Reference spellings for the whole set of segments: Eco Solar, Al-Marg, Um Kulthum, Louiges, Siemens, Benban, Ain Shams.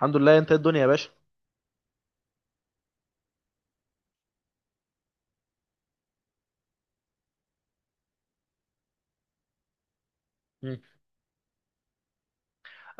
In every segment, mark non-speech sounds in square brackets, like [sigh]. الحمد لله، انت ايه الدنيا يا باشا؟ مم.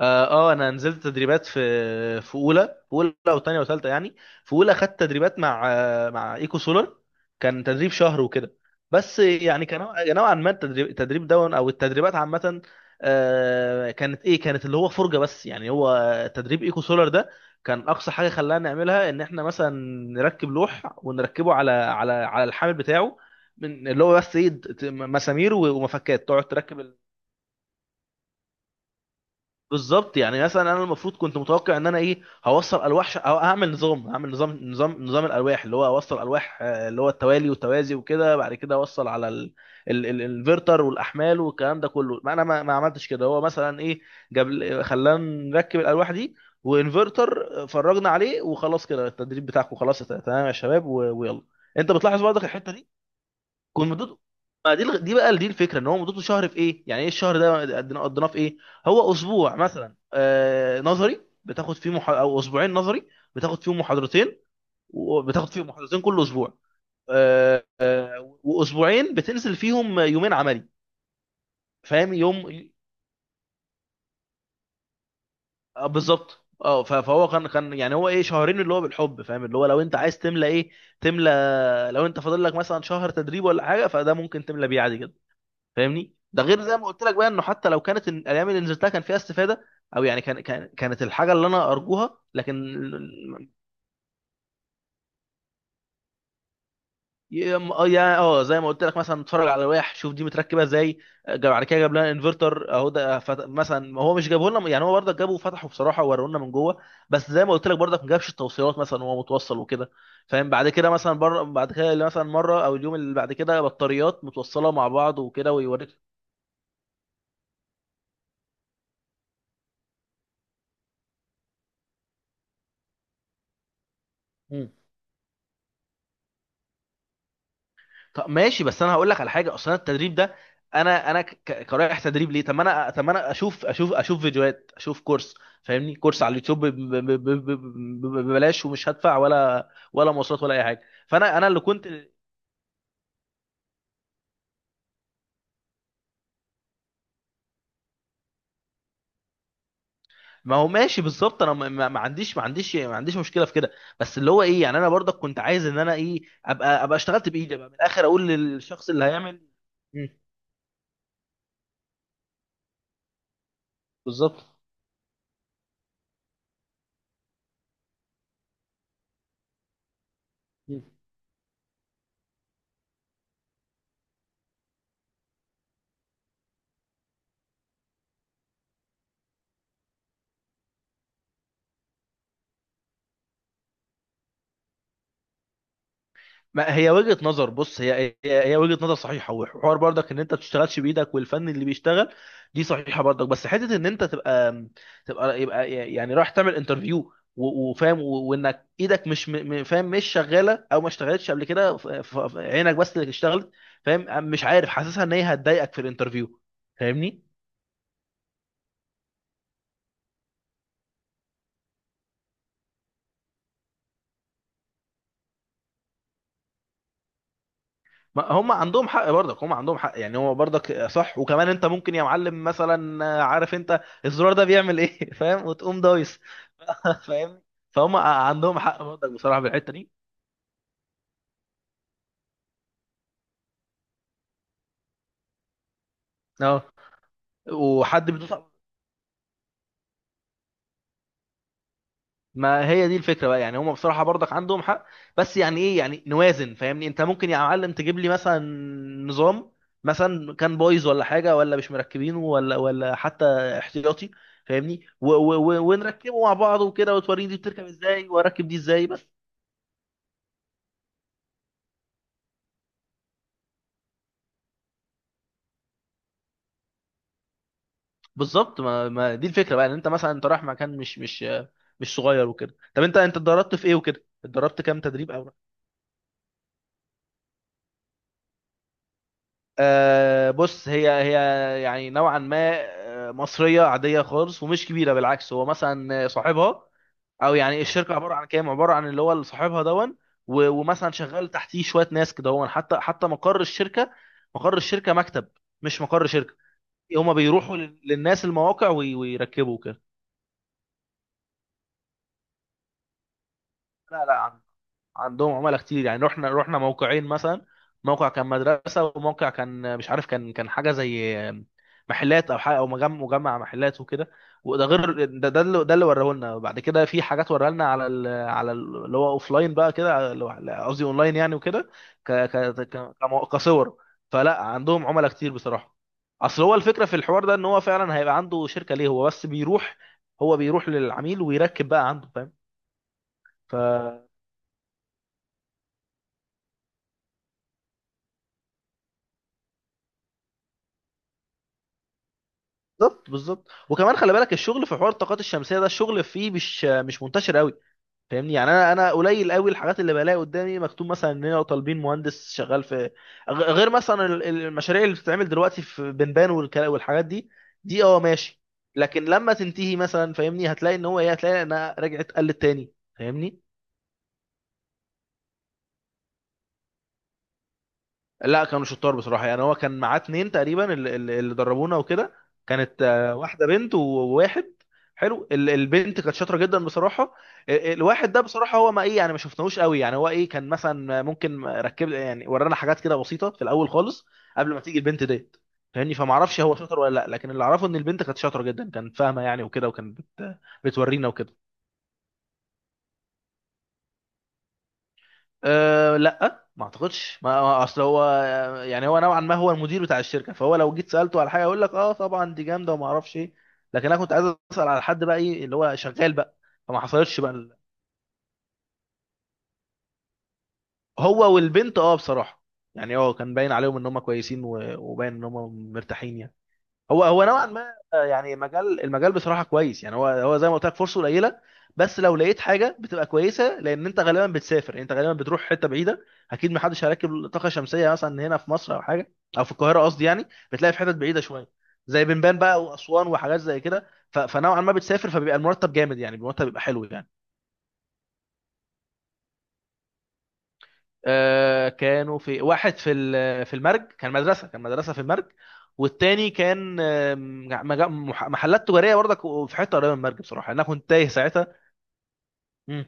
اه. انا نزلت تدريبات في في اولى في اولى وثانيه وثالثه، يعني في اولى خدت تدريبات مع ايكو سولار. كان تدريب شهر وكده. بس يعني كان نوعا ما التدريب، ده او التدريبات عامه، كانت ايه، كانت اللي هو فرجه. بس يعني هو تدريب ايكو سولار ده، كان اقصى حاجه خلانا نعملها ان احنا مثلا نركب لوح ونركبه على الحامل بتاعه، من اللي هو بس، ايه، مسامير ومفكات تقعد تركب. بالظبط، يعني مثلا انا المفروض كنت متوقع ان انا ايه، هوصل الواح، ش... او هعمل نظام، هعمل نظام الالواح، اللي هو اوصل الواح، اللي هو التوالي والتوازي وكده، بعد كده اوصل على الانفرتر والاحمال والكلام ده كله. ما انا ما عملتش كده، هو مثلا ايه، خلانا نركب الالواح دي وانفرتر. فرجنا عليه وخلاص كده، التدريب بتاعكم خلاص تمام يا شباب و- ويلا. انت بتلاحظ برضك الحته دي. كون مدته، ما دي دي بقى، دي الفكره ان هو مدته شهر في ايه؟ يعني ايه الشهر ده، قضيناه في ايه؟ هو اسبوع مثلا، آه، نظري بتاخد فيه، مح... او اسبوعين نظري بتاخد فيهم محاضرتين، وبتاخد فيهم محاضرتين كل اسبوع. آه. واسبوعين بتنزل فيهم يومين عملي. فاهم؟ يوم. آه، بالظبط. اه، فهو كان يعني، هو ايه، شهرين اللي هو بالحب. فاهم؟ اللي هو لو انت عايز تملى ايه تملى، لو انت فاضل لك مثلا شهر تدريب ولا حاجه، فده ممكن تملى بيه عادي جدا. فاهمني؟ ده غير زي ما قلت لك بقى، انه حتى لو كانت الايام اللي نزلتها كان فيها استفاده، او يعني كانت الحاجه اللي انا ارجوها، لكن، يا م- اه يا- اه زي ما قلت لك مثلا، اتفرج على لوائح، شوف دي متركبه ازاي. بعد كده جاب لنا انفرتر اهو ده، مثلا هو مش جابه لنا، يعني هو برضك جابه وفتحه بصراحه ووروا لنا من جوه. بس زي ما قلت لك برضك، ما جابش التوصيلات مثلا وهو متوصل وكده. فاهم؟ بعد كده مثلا بره، بعد كده مثلا مره او اليوم اللي بعد كده، بطاريات متوصله مع بعض وكده ويوريك. طب ماشي، بس انا هقول لك على حاجه. اصلا التدريب ده، انا كرايح تدريب ليه؟ طب ما انا، اشوف، اشوف فيديوهات، اشوف كورس. فاهمني؟ كورس على اليوتيوب ببلاش، ومش هدفع ولا ولا مواصلات ولا اي حاجه. فانا، انا اللي كنت. ما هو ماشي بالظبط. انا ما عنديش، مشكله في كده، بس اللي هو ايه، يعني انا برضك كنت عايز ان انا ايه، ابقى اشتغلت بايدي، ابقى من الاخر اقول للشخص اللي هيعمل. مم. بالظبط. ما هي وجهة نظر، بص، هي وجهة نظر صحيحة، وحوار برضك ان انت تشتغلش بايدك والفن اللي بيشتغل. دي صحيحة برضك، بس حتة ان انت تبقى تبقى يبقى، يعني رايح تعمل انترفيو وفاهم، و- وانك ايدك مش فاهم، مش شغالة او ما اشتغلتش قبل كده، عينك بس اللي اشتغلت. فاهم، مش عارف، حاسسها ان هي هتضايقك في الانترفيو. فاهمني؟ ما هم عندهم حق برضك، هم عندهم حق يعني هو برضك صح. وكمان انت ممكن يا معلم مثلا، عارف انت الزرار ده بيعمل ايه [laughs] فاهم، وتقوم دايس. فاهم؟ فهم عندهم حق برضك بصراحه في الحته دي. اه. وحد ما هي دي الفكره بقى. يعني هم بصراحه برضك عندهم حق، بس يعني ايه يعني، نوازن. فاهمني؟ انت ممكن يا معلم تجيب لي مثلا نظام، مثلا كان بايظ ولا حاجه، ولا مش مركبينه، ولا ولا حتى احتياطي. فاهمني؟ و و و ونركبه مع بعض وكده، وتوريني دي بتركب ازاي، واركب دي ازاي، بس. بالظبط. ما دي الفكره بقى، ان انت مثلا انت رايح مكان مش صغير وكده. طب انت، اتدربت في ايه وكده؟ اتدربت كام تدريب؟ آه، بص، هي هي يعني نوعا ما، آه، مصرية عادية خالص ومش كبيرة، بالعكس. هو مثلا صاحبها، أو يعني الشركة عبارة عن كام، عبارة عن اللي هو اللي صاحبها دون، ومثلا شغال تحتيه شوية ناس كده. هو حتى حتى مقر الشركة، مقر الشركة مكتب، مش مقر شركة. هما بيروحوا للناس المواقع ويركبوا كده. لا، لا، عندهم عملاء كتير. يعني رحنا موقعين مثلا، موقع كان مدرسة، وموقع كان مش عارف، كان حاجة زي محلات او حاجة، او مجمع، محلات وكده. وده غير ده، ده اللي وراه لنا بعد كده، في حاجات وراه لنا على ال، اللي هو اوف لاين بقى كده، اللي هو، قصدي اون لاين يعني وكده. ك ك كصور. فلا عندهم عملاء كتير بصراحة. اصل هو الفكرة في الحوار ده، ان هو فعلا هيبقى عنده شركة ليه؟ هو بس بيروح، هو بيروح للعميل ويركب بقى عنده، فاهم؟ ف بالظبط بالظبط. وكمان خلي بالك، الشغل في حوار الطاقات الشمسيه ده، الشغل فيه مش مش منتشر قوي. فاهمني؟ يعني انا، قليل قوي الحاجات اللي بلاقي قدامي مكتوب مثلا، اننا طالبين مهندس شغال في، غير مثلا المشاريع اللي بتتعمل دلوقتي في بنبان، والحاجات دي. دي اه ماشي. لكن لما تنتهي مثلا، فاهمني، هتلاقي ان هو ايه، هتلاقي انها رجعت قلت تاني. فاهمني؟ لا، كانوا شطار بصراحه. يعني هو كان معاه اتنين تقريبا اللي دربونا وكده. كانت، آه، واحده بنت وواحد. حلو. البنت كانت شاطره جدا بصراحه. الواحد ده بصراحه هو ما، ايه يعني، ما شفناهوش قوي. يعني هو ايه، كان مثلا ممكن ركب يعني ورانا حاجات كده بسيطه في الاول خالص، قبل ما تيجي البنت ديت. فاهمني؟ فما اعرفش هو شاطر ولا لا، لكن اللي اعرفه ان البنت كانت شاطره جدا، كانت فاهمه يعني وكده، وكانت بتورينا وكده. أه لا ما اعتقدش، اصل هو، يعني هو نوعا ما هو المدير بتاع الشركه، فهو لو جيت سالته على حاجه يقول لك اه طبعا دي جامده وما اعرفش ايه. لكن انا كنت عايز اسال على حد بقى، ايه اللي هو شغال بقى. فما حصلتش بقى هو والبنت. اه بصراحه يعني، اه، كان باين عليهم ان هم كويسين، وباين ان هم مرتاحين يعني. هو هو نوعا ما، آه، يعني مجال، المجال بصراحه كويس. يعني هو هو زي ما قلت لك، فرصه قليله، بس لو لقيت حاجه بتبقى كويسه، لان انت غالبا بتسافر. يعني انت غالبا بتروح حته بعيده، اكيد ما حدش هيركب طاقه شمسيه مثلا هنا في مصر او حاجه، او في القاهره قصدي. يعني بتلاقي في حتت بعيده شويه زي بنبان بقى واسوان وحاجات زي كده، فنوعا ما بتسافر، فبيبقى المرتب جامد، يعني المرتب بيبقى حلو يعني. آه، كانوا في واحد في المرج، كان مدرسه، كان مدرسه في المرج. والتاني كان، آه، محلات تجاريه برضك في حته قريبه من المرج. بصراحه يعني انا كنت تايه ساعتها. مم.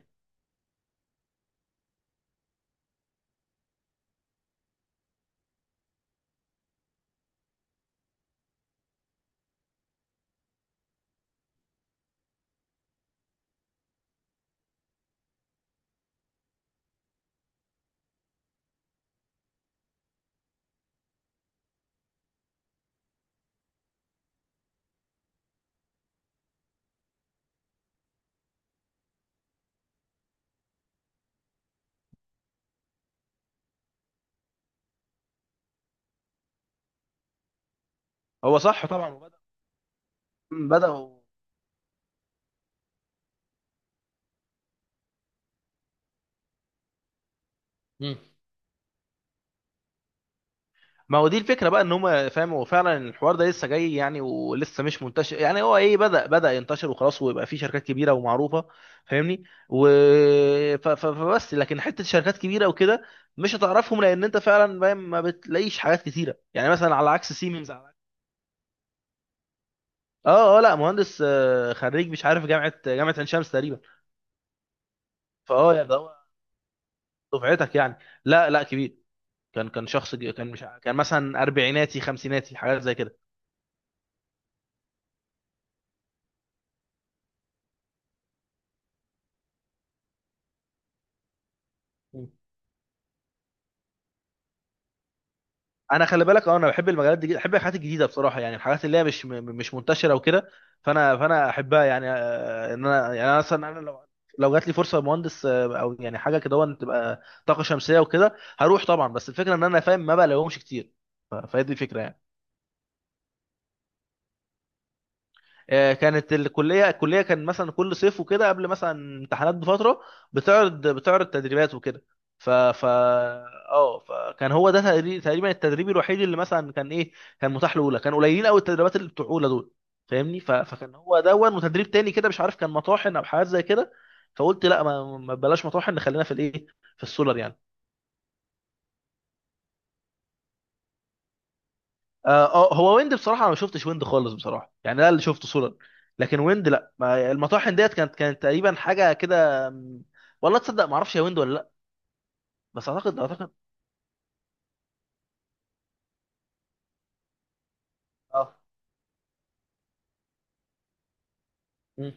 هو صح طبعا، بدأ. بدأوا. مم. ما هو دي الفكره بقى ان هم، فاهم، هو فعلا الحوار ده لسه جاي يعني، ولسه مش منتشر. يعني هو ايه، بدا ينتشر وخلاص، ويبقى فيه شركات كبيره ومعروفه. فاهمني؟ و فبس، لكن حته شركات كبيره وكده مش هتعرفهم، لان انت فعلا فاهم، ما بتلاقيش حاجات كتيره. يعني مثلا على عكس سيمنز، اه اه، لا مهندس، آه، خريج مش عارف جامعه، جامعه عين شمس تقريبا. فاه يعني، ده هو دفعتك يعني؟ لا لا كبير. كان شخص كبير، كان مش ع- كان مثلا اربعيناتي، خمسيناتي، حاجات زي كده. انا خلي بالك، اه، انا بحب المجالات دي جدا. بحب الحاجات الجديده بصراحه، يعني الحاجات اللي هي مش منتشره وكده. فانا احبها يعني، آه، ان انا يعني، انا مثلا انا لو جات لي فرصه مهندس، آه، او يعني حاجه كده وان تبقى طاقه شمسيه وكده، هروح طبعا. بس الفكره ان انا فاهم، ما بقى لهمش كتير. فهي دي الفكره يعني. آه، كانت الكليه، الكليه كان مثلا كل صيف وكده قبل مثلا امتحانات بفتره، بتعرض تدريبات وكده. ف ف اه فكان هو ده تقريبا التدريب الوحيد اللي مثلا كان ايه، كان متاح لاولى. كان قليلين قوي التدريبات اللي بتوع اولى دول. فاهمني؟ فكان هو دون، وتدريب تاني كده مش عارف، كان مطاحن او حاجات زي كده. فقلت لا، ما ما بلاش مطاحن، خلينا في الايه، في السولر يعني. آه آه، هو ويند بصراحه انا ما شفتش ويند خالص بصراحه. يعني ده اللي شفته صوره. لكن ويند، لا، ما المطاحن ديت كانت تقريبا حاجه كده، م، والله تصدق ما اعرفش هي ويند ولا لا. بس اعتقد، اه. مم.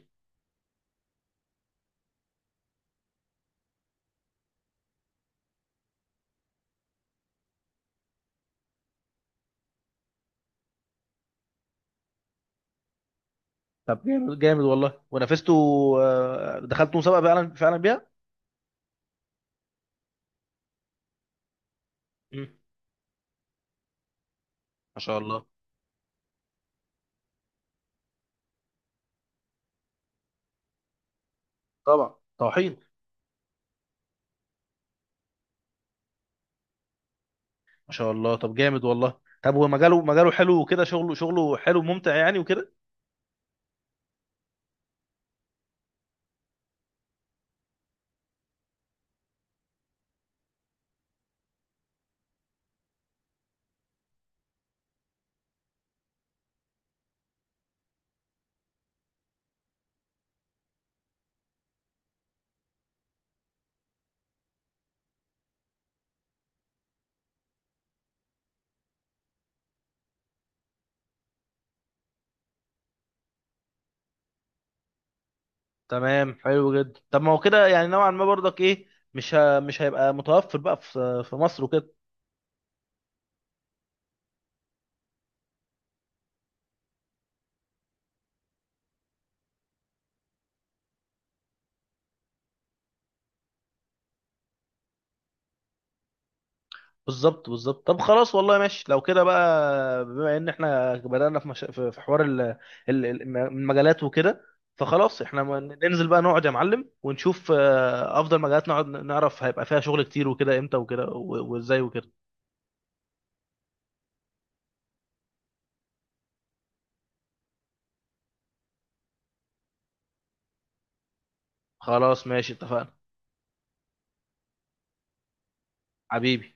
طب جامد، جامد والله. ونافسته؟ آه، دخلت مسابقه فعلا بيها. مم. ما شاء الله. طبعا طحين. ما شاء الله طب جامد والله. طب ومجاله، مجاله مجاله حلو وكده. شغله، حلو ممتع يعني وكده. تمام، حلو جدا. طب ما هو كده يعني نوعا ما برضك، ايه، مش هيبقى متوفر بقى في مصر وكده. بالظبط بالظبط. طب خلاص والله، ماشي. لو كده بقى بما ان احنا بدأنا في، مش... في في حوار المجالات وكده، فخلاص احنا ننزل بقى، نقعد يا معلم ونشوف، آه، افضل مجالات، نقعد نعرف هيبقى فيها شغل كتير وكده امتى وكده، وازاي وكده. خلاص ماشي، اتفقنا. حبيبي. حبيبي.